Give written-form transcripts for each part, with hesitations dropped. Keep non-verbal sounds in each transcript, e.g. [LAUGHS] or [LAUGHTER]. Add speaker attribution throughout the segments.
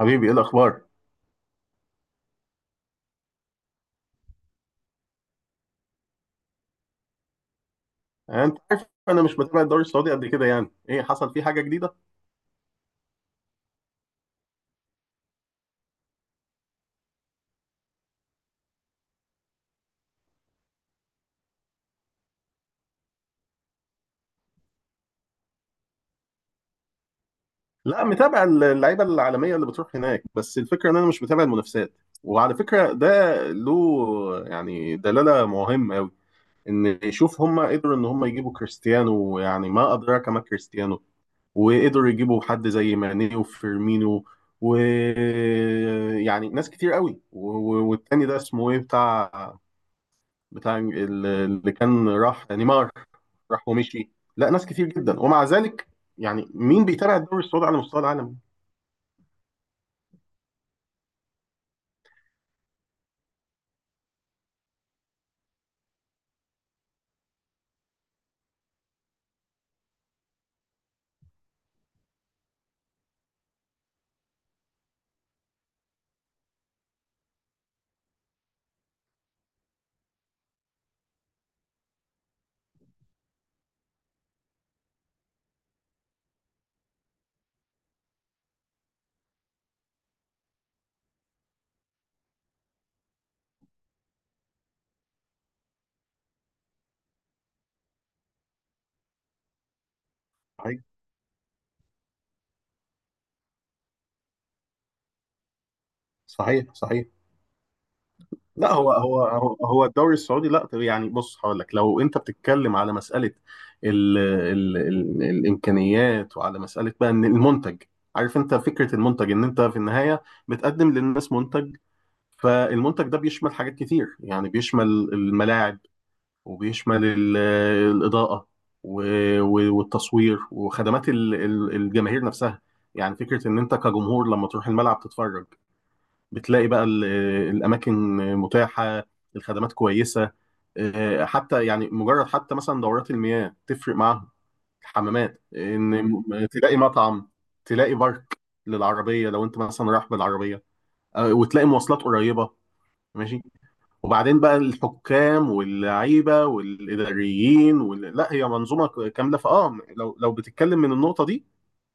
Speaker 1: حبيبي، ايه الاخبار؟ يعني انت عارف انا مش متابع الدوري السعودي قد كده، يعني ايه حصل فيه حاجه جديده؟ لا، متابع اللعيبه العالميه اللي بتروح هناك، بس الفكره ان انا مش متابع المنافسات. وعلى فكره ده له يعني دلاله مهمه قوي، ان يشوف هم قدروا ان هم يجيبوا كريستيانو، يعني ما ادراك ما كريستيانو. وقدروا يجيبوا حد زي ماني وفيرمينو، ويعني ناس كتير قوي والتاني ده اسمه ايه، بتاع اللي كان راح نيمار؟ راح ومشي. لا، ناس كتير جدا، ومع ذلك يعني مين بيتابع الدوري السعودي على مستوى العالم؟ صحيح، صحيح، صحيح. لا، هو الدوري السعودي، لا طب يعني بص، هقول لك، لو انت بتتكلم على مساله ال ال ال الامكانيات، وعلى مساله بقى ان المنتج، عارف انت فكره المنتج، ان انت في النهايه بتقدم للناس منتج. فالمنتج ده بيشمل حاجات كتير، يعني بيشمل الملاعب، وبيشمل الإضاءة والتصوير، وخدمات الجماهير نفسها. يعني فكرة إن أنت كجمهور لما تروح الملعب تتفرج، بتلاقي بقى الأماكن متاحة، الخدمات كويسة، حتى يعني مجرد حتى مثلا دورات المياه تفرق معاهم، الحمامات، إن تلاقي مطعم، تلاقي بارك للعربية لو أنت مثلا رايح بالعربية، وتلاقي مواصلات قريبة، ماشي. وبعدين بقى الحكام واللعيبه والاداريين لا، هي منظومه كامله، فاه، لو بتتكلم من النقطه دي،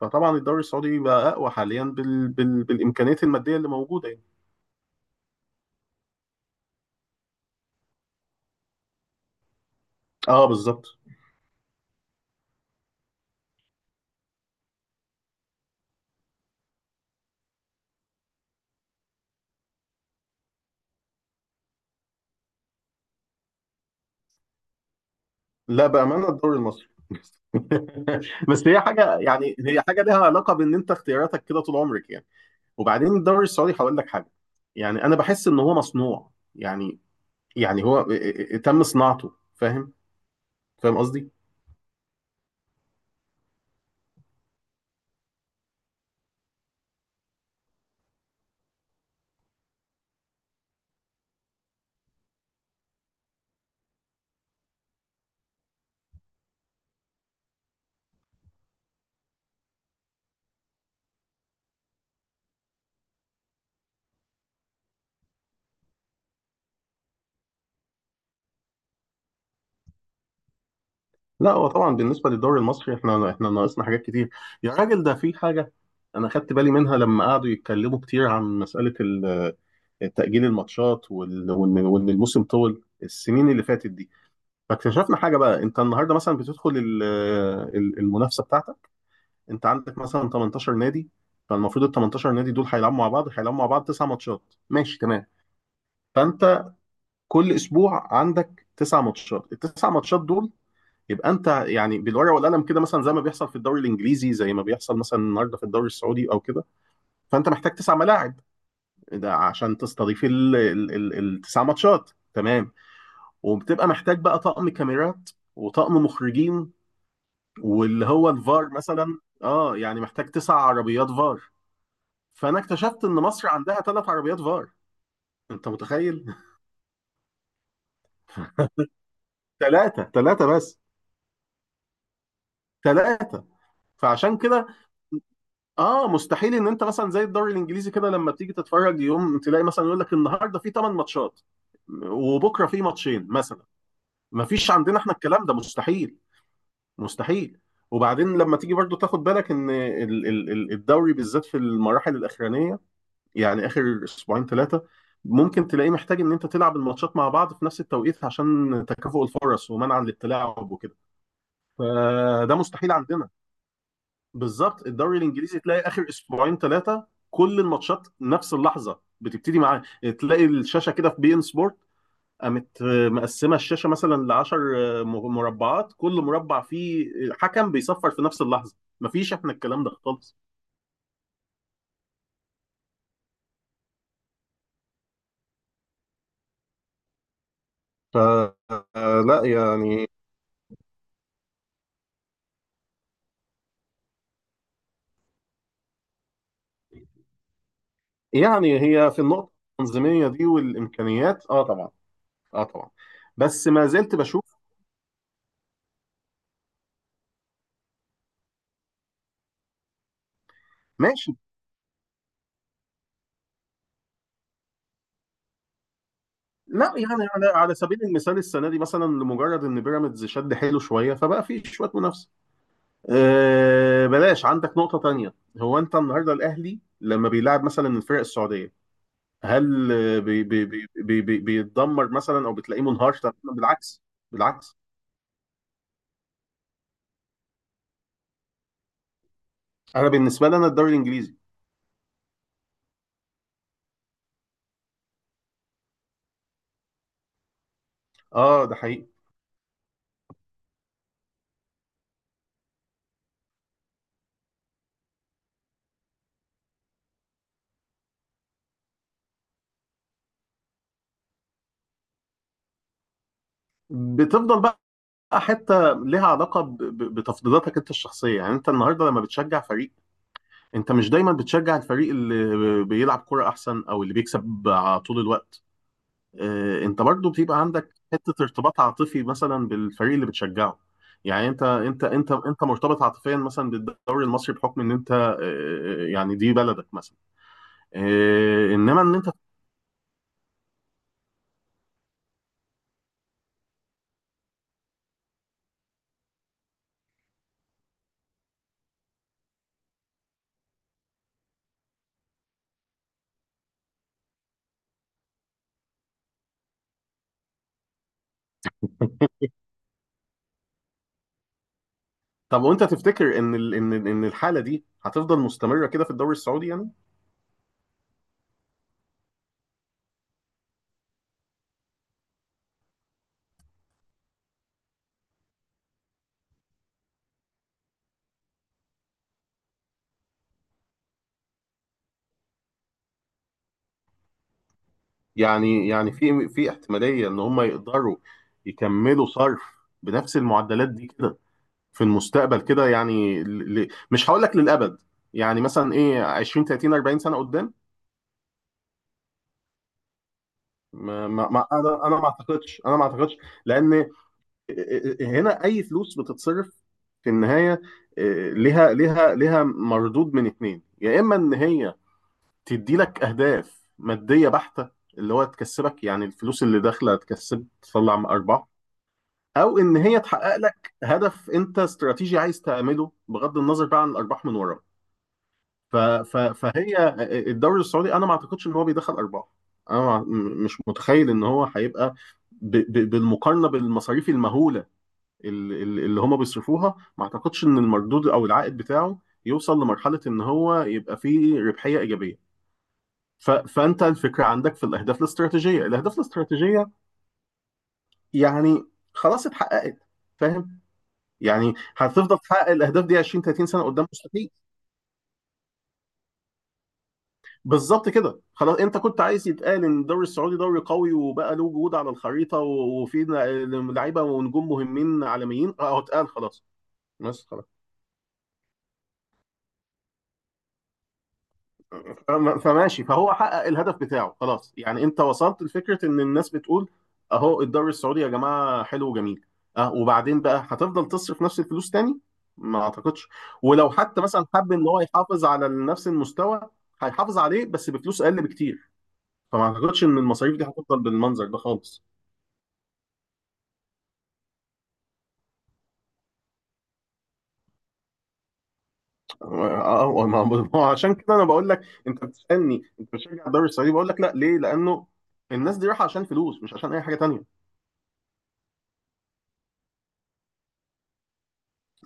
Speaker 1: فطبعا الدوري السعودي بقى اقوى حاليا بالامكانيات الماديه اللي موجوده يعني. اه، بالظبط. لا، بامانه الدوري المصري. [LAUGHS] بس هي حاجه، يعني هي حاجه لها علاقه بان انت اختياراتك كده طول عمرك يعني. وبعدين الدوري السعودي هقول لك حاجه، يعني انا بحس ان هو مصنوع، يعني يعني هو تم صناعته، فاهم؟ فاهم قصدي؟ لا، هو طبعا بالنسبه للدوري المصري، احنا ناقصنا حاجات كتير. يا راجل، ده في حاجه انا خدت بالي منها لما قعدوا يتكلموا كتير عن مساله تأجيل الماتشات، وان الموسم طول السنين اللي فاتت دي. فاكتشفنا حاجه بقى، انت النهارده مثلا بتدخل المنافسه بتاعتك. انت عندك مثلا 18 نادي، فالمفروض ال 18 نادي دول هيلعبوا مع بعض، تسع ماتشات، ماشي تمام. فانت كل اسبوع عندك تسع ماتشات، التسع ماتشات دول، يبقى انت يعني بالورقه والقلم كده، مثلا زي ما بيحصل في الدوري الانجليزي، زي ما بيحصل مثلا النهارده في الدوري السعودي او كده، فانت محتاج تسع ملاعب، ده عشان تستضيف التسع ماتشات، تمام. وبتبقى محتاج بقى طقم كاميرات، وطقم مخرجين، واللي هو الفار مثلا، يعني محتاج تسع عربيات فار. فانا اكتشفت ان مصر عندها ثلاث عربيات فار، انت متخيل؟ [LAUGHS] ثلاثه، ثلاثه بس. ثلاثه. فعشان كده، اه مستحيل ان انت مثلا زي الدوري الانجليزي كده، لما بتيجي تتفرج يوم، تلاقي مثلا يقول لك النهارده في 8 ماتشات، وبكره في ماتشين مثلا. ما فيش عندنا احنا، الكلام ده مستحيل، مستحيل. وبعدين لما تيجي برضو تاخد بالك ان الدوري بالذات في المراحل الاخرانيه، يعني اخر اسبوعين ثلاثه، ممكن تلاقيه محتاج ان انت تلعب الماتشات مع بعض في نفس التوقيت، عشان تكافؤ الفرص ومنع الاتلاعب وكده. فده مستحيل عندنا. بالظبط، الدوري الانجليزي تلاقي اخر اسبوعين ثلاثه كل الماتشات نفس اللحظه بتبتدي معاه، تلاقي الشاشه كده في بي ان سبورت قامت مقسمه الشاشه مثلا ل 10 مربعات، كل مربع فيه حكم بيصفر في نفس اللحظه. مفيش احنا الكلام ده خالص. ف آه، لا يعني، يعني هي في النقطه التنظيميه دي والامكانيات، اه طبعا، اه طبعا، بس ما زلت بشوف. ماشي. لا يعني، على سبيل المثال السنه دي مثلا، لمجرد ان بيراميدز شد حيله شويه، فبقى في شويه منافسه. أه، بلاش، عندك نقطه تانية. هو انت النهارده الاهلي لما بيلعب مثلا الفرق السعوديه، هل بي بي بي بي بي بيتدمر مثلا، او بتلاقيه منهار تماما؟ بالعكس، بالعكس. انا بالنسبه لي انا الدوري الانجليزي. اه، ده حقيقي. بتفضل بقى، حته لها علاقه بتفضيلاتك انت الشخصيه، يعني انت النهارده لما بتشجع فريق، انت مش دايما بتشجع الفريق اللي بيلعب كرة احسن او اللي بيكسب على طول الوقت. اه، انت برضو بتبقى عندك حتة ارتباط عاطفي مثلا بالفريق اللي بتشجعه. يعني انت مرتبط عاطفيا مثلا بالدوري المصري بحكم ان انت يعني دي بلدك مثلا، اه، انما ان انت، طب وانت تفتكر ان ان الحالة دي هتفضل مستمرة كده في الدوري السعودي يعني؟ يعني، في احتمالية ان هم يقدروا يكملوا صرف بنفس المعدلات دي كده في المستقبل كده، يعني مش هقول لك للأبد، يعني مثلا ايه 20، 30، 40 سنة قدام. ما... ما... ما... انا ما اعتقدش. لأن هنا اي فلوس بتتصرف في النهاية، ليها مردود من اتنين، يا اما ان هي تدي لك اهداف مادية بحتة، اللي هو تكسبك يعني، الفلوس اللي داخلة تكسب تطلع ارباح، او ان هي تحقق لك هدف انت استراتيجي عايز تعمله بغض النظر بقى عن الارباح من وراه. فهي، الدوري السعودي انا ما اعتقدش ان هو بيدخل ارباح. انا ما... م- مش متخيل ان هو هيبقى، بالمقارنه بالمصاريف المهوله اللي هم بيصرفوها، ما اعتقدش ان المردود او العائد بتاعه يوصل لمرحله ان هو يبقى فيه ربحيه ايجابيه. فانت الفكره عندك في الاهداف الاستراتيجيه، يعني خلاص اتحققت، فاهم؟ يعني هتفضل تحقق الاهداف دي 20، 30 سنه قدام؟ مستحيل. بالظبط كده، خلاص. انت كنت عايز يتقال ان الدوري السعودي دوري قوي وبقى له وجود على الخريطه، وفي لعيبه ونجوم مهمين عالميين، اه، اتقال، خلاص، بس خلاص. فماشي، فهو حقق الهدف بتاعه خلاص، يعني انت وصلت لفكره ان الناس بتقول اهو الدوري السعودي يا جماعه حلو وجميل. اه وبعدين بقى هتفضل تصرف نفس الفلوس تاني؟ ما اعتقدش. ولو حتى مثلا حب ان هو يحافظ على نفس المستوى، هيحافظ عليه بس بفلوس اقل بكتير. فما اعتقدش ان المصاريف دي هتفضل بالمنظر ده خالص. اه، ما هو عشان كده انا بقول لك، انت بتسالني انت بتشجع الدوري السعودي؟ بقول لك لا. ليه؟ لانه الناس دي رايحه عشان فلوس، مش عشان اي حاجه تانيه.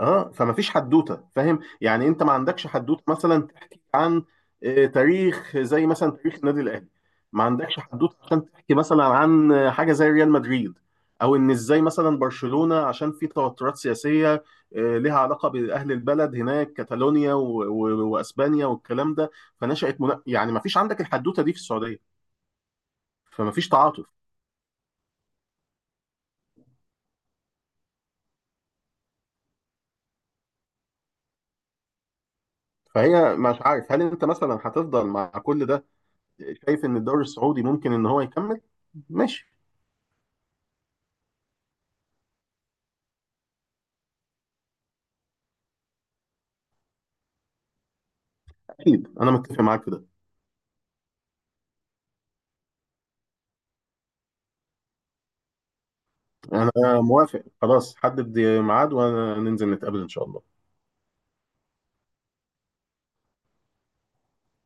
Speaker 1: اه فما فيش حدوته، فاهم؟ يعني انت ما عندكش حدوته مثلا تحكي عن تاريخ، زي مثلا تاريخ النادي الاهلي. ما عندكش حدوته عشان تحكي مثلا عن حاجه زي ريال مدريد، او ان ازاي مثلا برشلونه عشان في توترات سياسيه، لها علاقه باهل البلد هناك كاتالونيا واسبانيا والكلام ده. يعني ما فيش عندك الحدوته دي في السعوديه، فما فيش تعاطف. فهي، مش عارف هل انت مثلا هتفضل مع كل ده شايف ان الدوري السعودي ممكن ان هو يكمل؟ ماشي، اكيد انا متفق معاك في ده. انا موافق، خلاص حدد ميعاد وننزل نتقابل ان شاء الله.